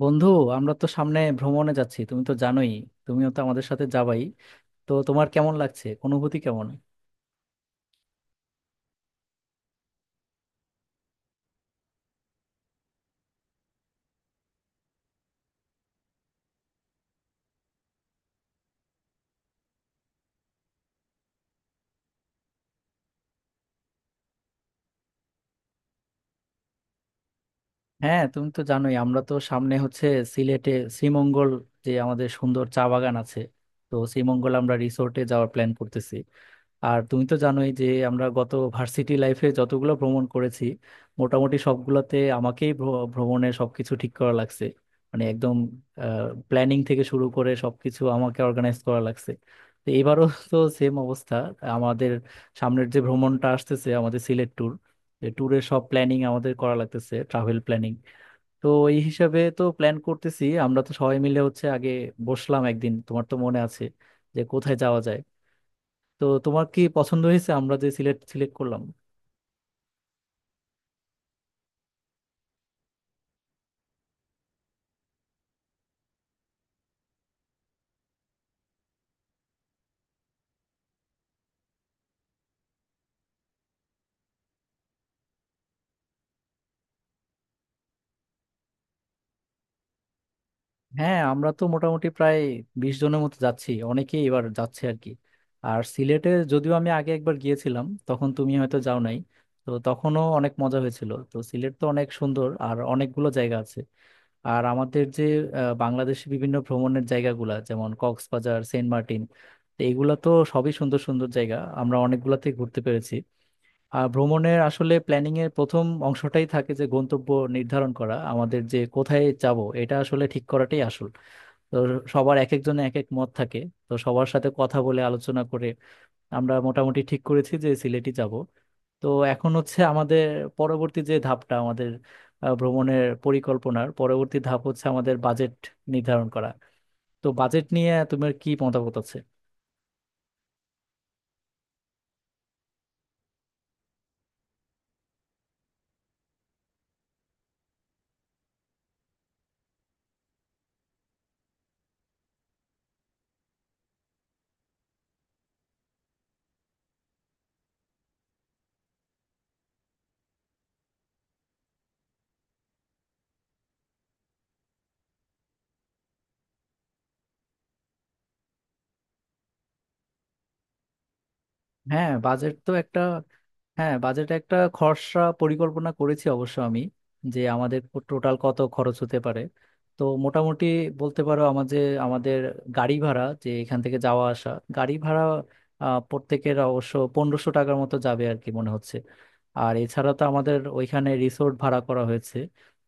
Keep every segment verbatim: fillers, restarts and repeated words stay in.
বন্ধু, আমরা তো সামনে ভ্রমণে যাচ্ছি, তুমি তো জানোই। তুমিও তো আমাদের সাথে যাবাই। তো তোমার কেমন লাগছে, অনুভূতি কেমন? হ্যাঁ, তুমি তো জানোই আমরা তো সামনে হচ্ছে সিলেটে, শ্রীমঙ্গল, যে আমাদের সুন্দর চা বাগান আছে। তো শ্রীমঙ্গল আমরা রিসোর্টে যাওয়ার প্ল্যান করতেছি। আর তুমি তো জানোই যে আমরা গত ভার্সিটি লাইফে যতগুলো ভ্রমণ করেছি, মোটামুটি সবগুলোতে আমাকেই ভ্র- ভ্রমণের সবকিছু ঠিক করা লাগছে। মানে একদম প্ল্যানিং থেকে শুরু করে সবকিছু আমাকে অর্গানাইজ করা লাগছে। তো এবারও তো সেম অবস্থা। আমাদের সামনের যে ভ্রমণটা আসতেছে, আমাদের সিলেট ট্যুর, ট্যুরের সব প্ল্যানিং আমাদের করা লাগতেছে, ট্রাভেল প্ল্যানিং। তো এই হিসাবে তো প্ল্যান করতেছি। আমরা তো সবাই মিলে হচ্ছে আগে বসলাম একদিন, তোমার তো মনে আছে, যে কোথায় যাওয়া যায়। তো তোমার কি পছন্দ হয়েছে, আমরা যে সিলেক্ট সিলেক্ট করলাম? হ্যাঁ, আমরা তো মোটামুটি প্রায় বিশ জনের মতো যাচ্ছি, অনেকেই এবার যাচ্ছে আর কি। আর সিলেটে যদিও আমি আগে একবার গিয়েছিলাম, তখন তুমি হয়তো যাও নাই। তো তখনও অনেক মজা হয়েছিল। তো সিলেট তো অনেক সুন্দর, আর অনেকগুলো জায়গা আছে। আর আমাদের যে আহ, বাংলাদেশে বিভিন্ন ভ্রমণের জায়গাগুলা, যেমন কক্সবাজার, সেন্ট মার্টিন, তো এগুলা তো সবই সুন্দর সুন্দর জায়গা, আমরা অনেকগুলাতেই ঘুরতে পেরেছি। আহ ভ্রমণের আসলে প্ল্যানিং এর প্রথম অংশটাই থাকে যে গন্তব্য নির্ধারণ করা, আমাদের যে কোথায় যাব এটা আসলে ঠিক করাটাই আসল। তো সবার এক একজনের এক এক মত থাকে। তো সবার সাথে কথা বলে, আলোচনা করে আমরা মোটামুটি ঠিক করেছি যে সিলেটই যাব। তো এখন হচ্ছে আমাদের পরবর্তী যে ধাপটা আমাদের, আহ, ভ্রমণের পরিকল্পনার পরবর্তী ধাপ হচ্ছে আমাদের বাজেট নির্ধারণ করা। তো বাজেট নিয়ে তোমার কি মতামত আছে? হ্যাঁ, বাজেট তো একটা। হ্যাঁ, বাজেট একটা খরচা পরিকল্পনা করেছি অবশ্য আমি, যে আমাদের টোটাল কত খরচ হতে পারে। তো মোটামুটি বলতে পারো আমাদের আমাদের গাড়ি ভাড়া, যে এখান থেকে যাওয়া আসা গাড়ি ভাড়া আহ, প্রত্যেকের অবশ্য পনেরোশো টাকার মতো যাবে আর কি মনে হচ্ছে। আর এছাড়া তো আমাদের ওইখানে রিসোর্ট ভাড়া করা হয়েছে।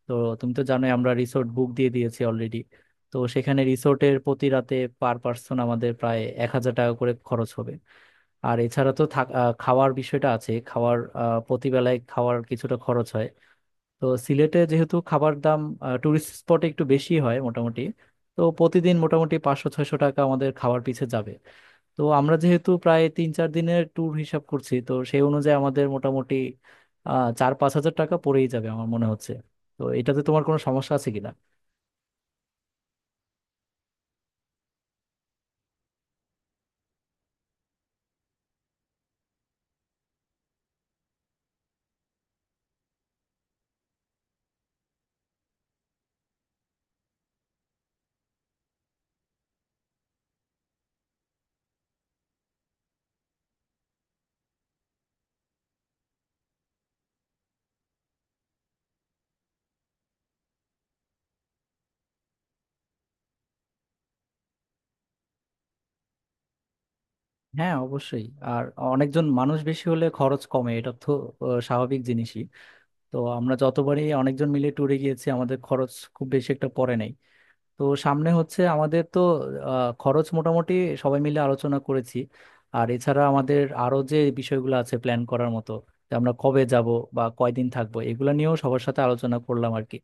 তো তুমি তো জানোই আমরা রিসোর্ট বুক দিয়ে দিয়েছি অলরেডি। তো সেখানে রিসোর্টের প্রতি রাতে পার পার্সন আমাদের প্রায় এক হাজার টাকা করে খরচ হবে। আর এছাড়া তো থাক- আহ, খাওয়ার বিষয়টা আছে। খাওয়ার আহ, প্রতিবেলায় খাওয়ার কিছুটা খরচ হয়। তো সিলেটে যেহেতু খাবার দাম টুরিস্ট স্পটে একটু বেশি হয় মোটামুটি, তো প্রতিদিন মোটামুটি পাঁচশো ছয়শো টাকা আমাদের খাওয়ার পিছে যাবে। তো আমরা যেহেতু প্রায় তিন চার দিনের ট্যুর হিসাব করছি, তো সেই অনুযায়ী আমাদের মোটামুটি আহ চার পাঁচ হাজার টাকা পড়েই যাবে আমার মনে হচ্ছে। তো এটাতে তোমার কোনো সমস্যা আছে কিনা? হ্যাঁ, অবশ্যই। আর অনেকজন মানুষ বেশি হলে খরচ কমে, এটা তো আহ, স্বাভাবিক জিনিসই। তো আমরা যতবারই অনেকজন মিলে ট্যুরে গিয়েছি আমাদের খরচ খুব বেশি একটা পড়ে নাই। তো সামনে হচ্ছে আমাদের তো আহ, খরচ মোটামুটি সবাই মিলে আলোচনা করেছি। আর এছাড়া আমাদের আরো যে বিষয়গুলো আছে প্ল্যান করার মতো, যে আমরা কবে যাব বা কয়দিন থাকবো, এগুলো নিয়েও সবার সাথে আলোচনা করলাম আর কি।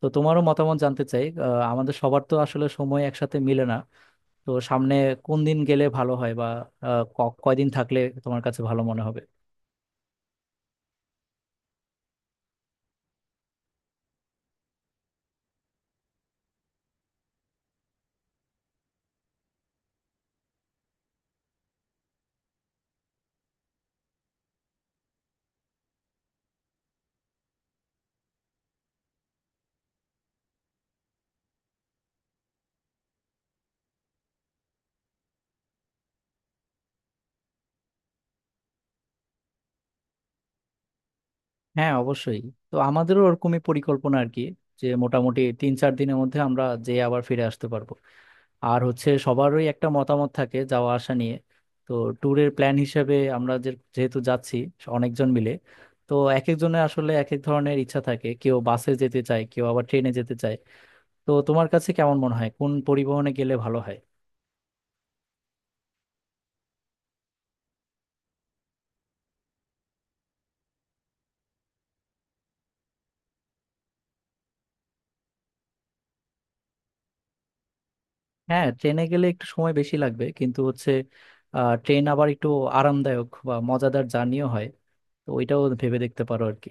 তো তোমারও মতামত জানতে চাই। আহ, আমাদের সবার তো আসলে সময় একসাথে মিলে না। তো সামনে কোন দিন গেলে ভালো হয়, বা আহ, ক- কয়দিন থাকলে তোমার কাছে ভালো মনে হবে? হ্যাঁ, অবশ্যই। তো আমাদেরও ওরকমই পরিকল্পনা আর কি, যে মোটামুটি তিন চার দিনের মধ্যে আমরা যে আবার ফিরে আসতে পারবো। আর হচ্ছে সবারই একটা মতামত থাকে যাওয়া আসা নিয়ে। তো ট্যুরের প্ল্যান হিসেবে আমরা, যে যেহেতু যাচ্ছি অনেকজন মিলে, তো এক একজনের আসলে এক এক ধরনের ইচ্ছা থাকে, কেউ বাসে যেতে চায়, কেউ আবার ট্রেনে যেতে চায়। তো তোমার কাছে কেমন মনে হয়, কোন পরিবহনে গেলে ভালো হয়? হ্যাঁ, ট্রেনে গেলে একটু সময় বেশি লাগবে, কিন্তু হচ্ছে আহ ট্রেন আবার একটু আরামদায়ক বা মজাদার জার্নিও হয়। তো ওইটাও ভেবে দেখতে পারো আর কি।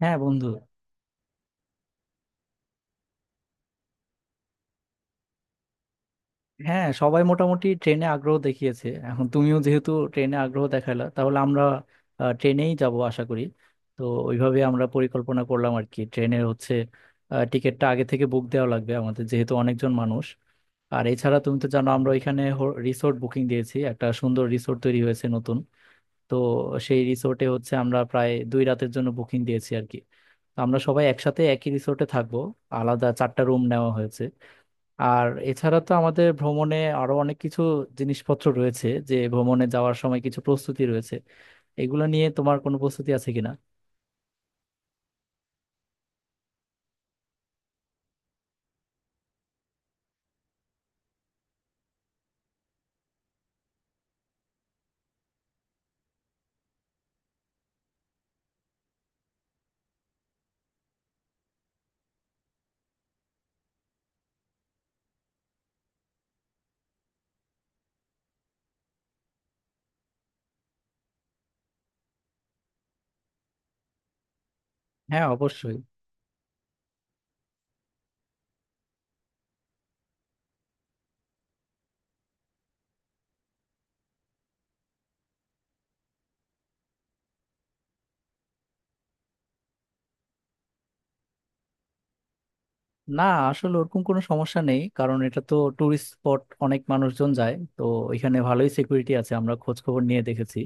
হ্যাঁ বন্ধু। হ্যাঁ, সবাই মোটামুটি ট্রেনে আগ্রহ দেখিয়েছে, এখন তুমিও যেহেতু ট্রেনে আগ্রহ দেখালা, তাহলে আমরা আহ, ট্রেনেই যাব আশা করি। তো ওইভাবে আমরা পরিকল্পনা করলাম আর কি। ট্রেনের হচ্ছে আহ, টিকিটটা আগে থেকে বুক দেওয়া লাগবে, আমাদের যেহেতু অনেকজন মানুষ। আর এছাড়া তুমি তো জানো আমরা ওইখানে রিসোর্ট বুকিং দিয়েছি, একটা সুন্দর রিসোর্ট তৈরি হয়েছে নতুন। তো সেই রিসোর্টে হচ্ছে আমরা প্রায় দুই রাতের জন্য বুকিং দিয়েছি আর কি। তো আমরা সবাই একসাথে একই রিসোর্টে থাকবো, আলাদা চারটা রুম নেওয়া হয়েছে। আর এছাড়া তো আমাদের ভ্রমণে আরো অনেক কিছু জিনিসপত্র রয়েছে, যে ভ্রমণে যাওয়ার সময় কিছু প্রস্তুতি রয়েছে। এগুলো নিয়ে তোমার কোনো প্রস্তুতি আছে কিনা? হ্যাঁ, অবশ্যই। না, আসলে ওরকম কোনো সমস্যা নেই, কারণ এটা তো টুরিস্ট স্পট, অনেক মানুষজন যায় তো। এখানে ভালোই সিকিউরিটি আছে, আমরা খোঁজ খবর নিয়ে দেখেছি।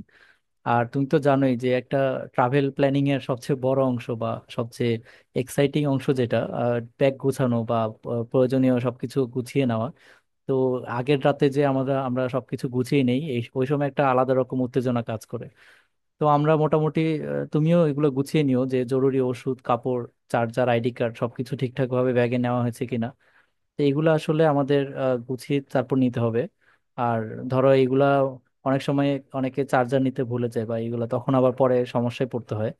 আর তুমি তো জানোই যে একটা ট্রাভেল প্ল্যানিং এর সবচেয়ে বড় অংশ, বা সবচেয়ে এক্সাইটিং অংশ যেটা, ব্যাগ গোছানো বা আহ, প্রয়োজনীয় সবকিছু গুছিয়ে নেওয়া। তো আগের রাতে যে আমরা আমরা সবকিছু গুছিয়ে নেই, এই ওই সময় একটা আলাদা রকম উত্তেজনা কাজ করে। তো আমরা মোটামুটি আহ, তুমিও এগুলো গুছিয়ে নিও, যে জরুরি ওষুধ, কাপড়, চার্জার, আইডি কার্ড সবকিছু ঠিকঠাক ভাবে ব্যাগে নেওয়া হয়েছে কিনা। তো এগুলো আসলে আমাদের আহ, গুছিয়ে তারপর নিতে হবে। আর ধরো, এগুলা অনেক সময় অনেকে চার্জার নিতে ভুলে যায়, বা এগুলা তখন আবার পরে সমস্যায় পড়তে হয়।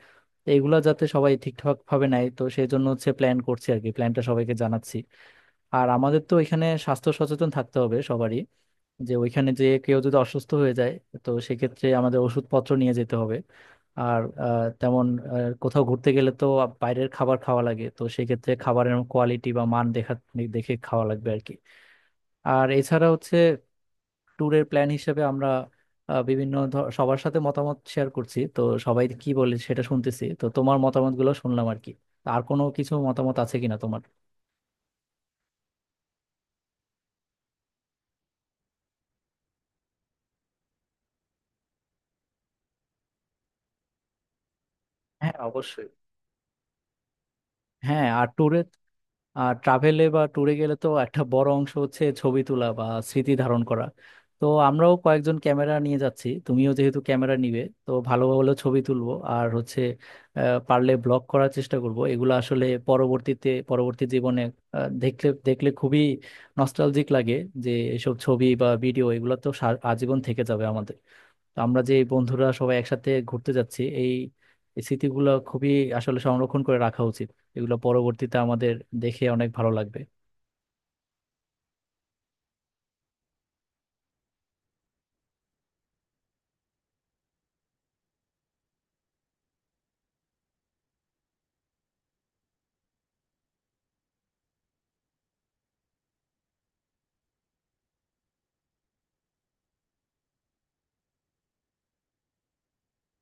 তো এগুলা যাতে সবাই ঠিকঠাক ভাবে নেয়, তো সেই জন্য হচ্ছে প্ল্যান করছি আর কি, প্ল্যানটা সবাইকে জানাচ্ছি। আর আমাদের তো এখানে স্বাস্থ্য সচেতন থাকতে হবে সবারই, যে ওইখানে যে কেউ যদি অসুস্থ হয়ে যায়, তো সেক্ষেত্রে আমাদের ওষুধপত্র নিয়ে যেতে হবে। আর আহ, তেমন আহ, কোথাও ঘুরতে গেলে তো বাইরের খাবার খাওয়া লাগে, তো সেক্ষেত্রে খাবারের কোয়ালিটি বা মান দেখা দেখে খাওয়া লাগবে আর কি। আর এছাড়া হচ্ছে ট্যুরের প্ল্যান হিসেবে আমরা আহ, বিভিন্ন ধ- সবার সাথে মতামত শেয়ার করছি। তো সবাই কি বলে সেটা শুনতেছি, তো তোমার মতামতগুলো শুনলাম আর কি। আর কোনো কিছু মতামত আছে কিনা তোমার? হ্যাঁ, অবশ্যই। হ্যাঁ, আর ট্যুরে, আর ট্রাভেলে বা ট্যুরে গেলে তো একটা বড় অংশ হচ্ছে ছবি তোলা বা স্মৃতি ধারণ করা। তো আমরাও কয়েকজন ক্যামেরা নিয়ে যাচ্ছি, তুমিও যেহেতু ক্যামেরা নিবে, তো ভালো ভালো ছবি তুলবো। আর হচ্ছে আহ, পারলে ব্লগ করার চেষ্টা করব। এগুলো আসলে পরবর্তীতে পরবর্তী জীবনে আহ, দেখলে দেখলে খুবই নস্টালজিক লাগে, যে এসব ছবি বা ভিডিও এগুলো তো সার- আজীবন থেকে যাবে আমাদের। তো আমরা যে বন্ধুরা সবাই একসাথে ঘুরতে যাচ্ছি, এই এই স্মৃতিগুলো খুবই আসলে সংরক্ষণ করে রাখা উচিত। এগুলো পরবর্তীতে আমাদের দেখে অনেক ভালো লাগবে।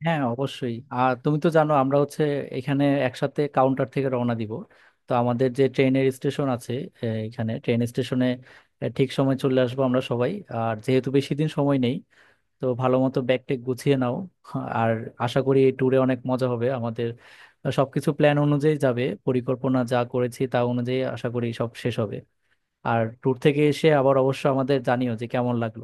হ্যাঁ, অবশ্যই। আর তুমি তো জানো আমরা হচ্ছে এখানে একসাথে কাউন্টার থেকে রওনা দিব। তো আমাদের যে ট্রেনের স্টেশন আছে, এ, এখানে ট্রেন স্টেশনে ঠিক সময় চলে আসবো আমরা সবাই। আর যেহেতু বেশি দিন সময় নেই, তো ভালো মতো ব্যাগ ট্যাগ গুছিয়ে নাও। আর আশা করি এই ট্যুরে অনেক মজা হবে আমাদের, সবকিছু প্ল্যান অনুযায়ী যাবে, পরিকল্পনা যা করেছি তা অনুযায়ী আশা করি সব শেষ হবে। আর ট্যুর থেকে এসে আবার অবশ্য আমাদের জানিও যে কেমন লাগলো।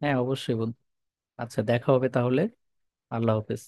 হ্যাঁ, অবশ্যই বন্ধু। আচ্ছা, দেখা হবে তাহলে। আল্লাহ হাফেজ।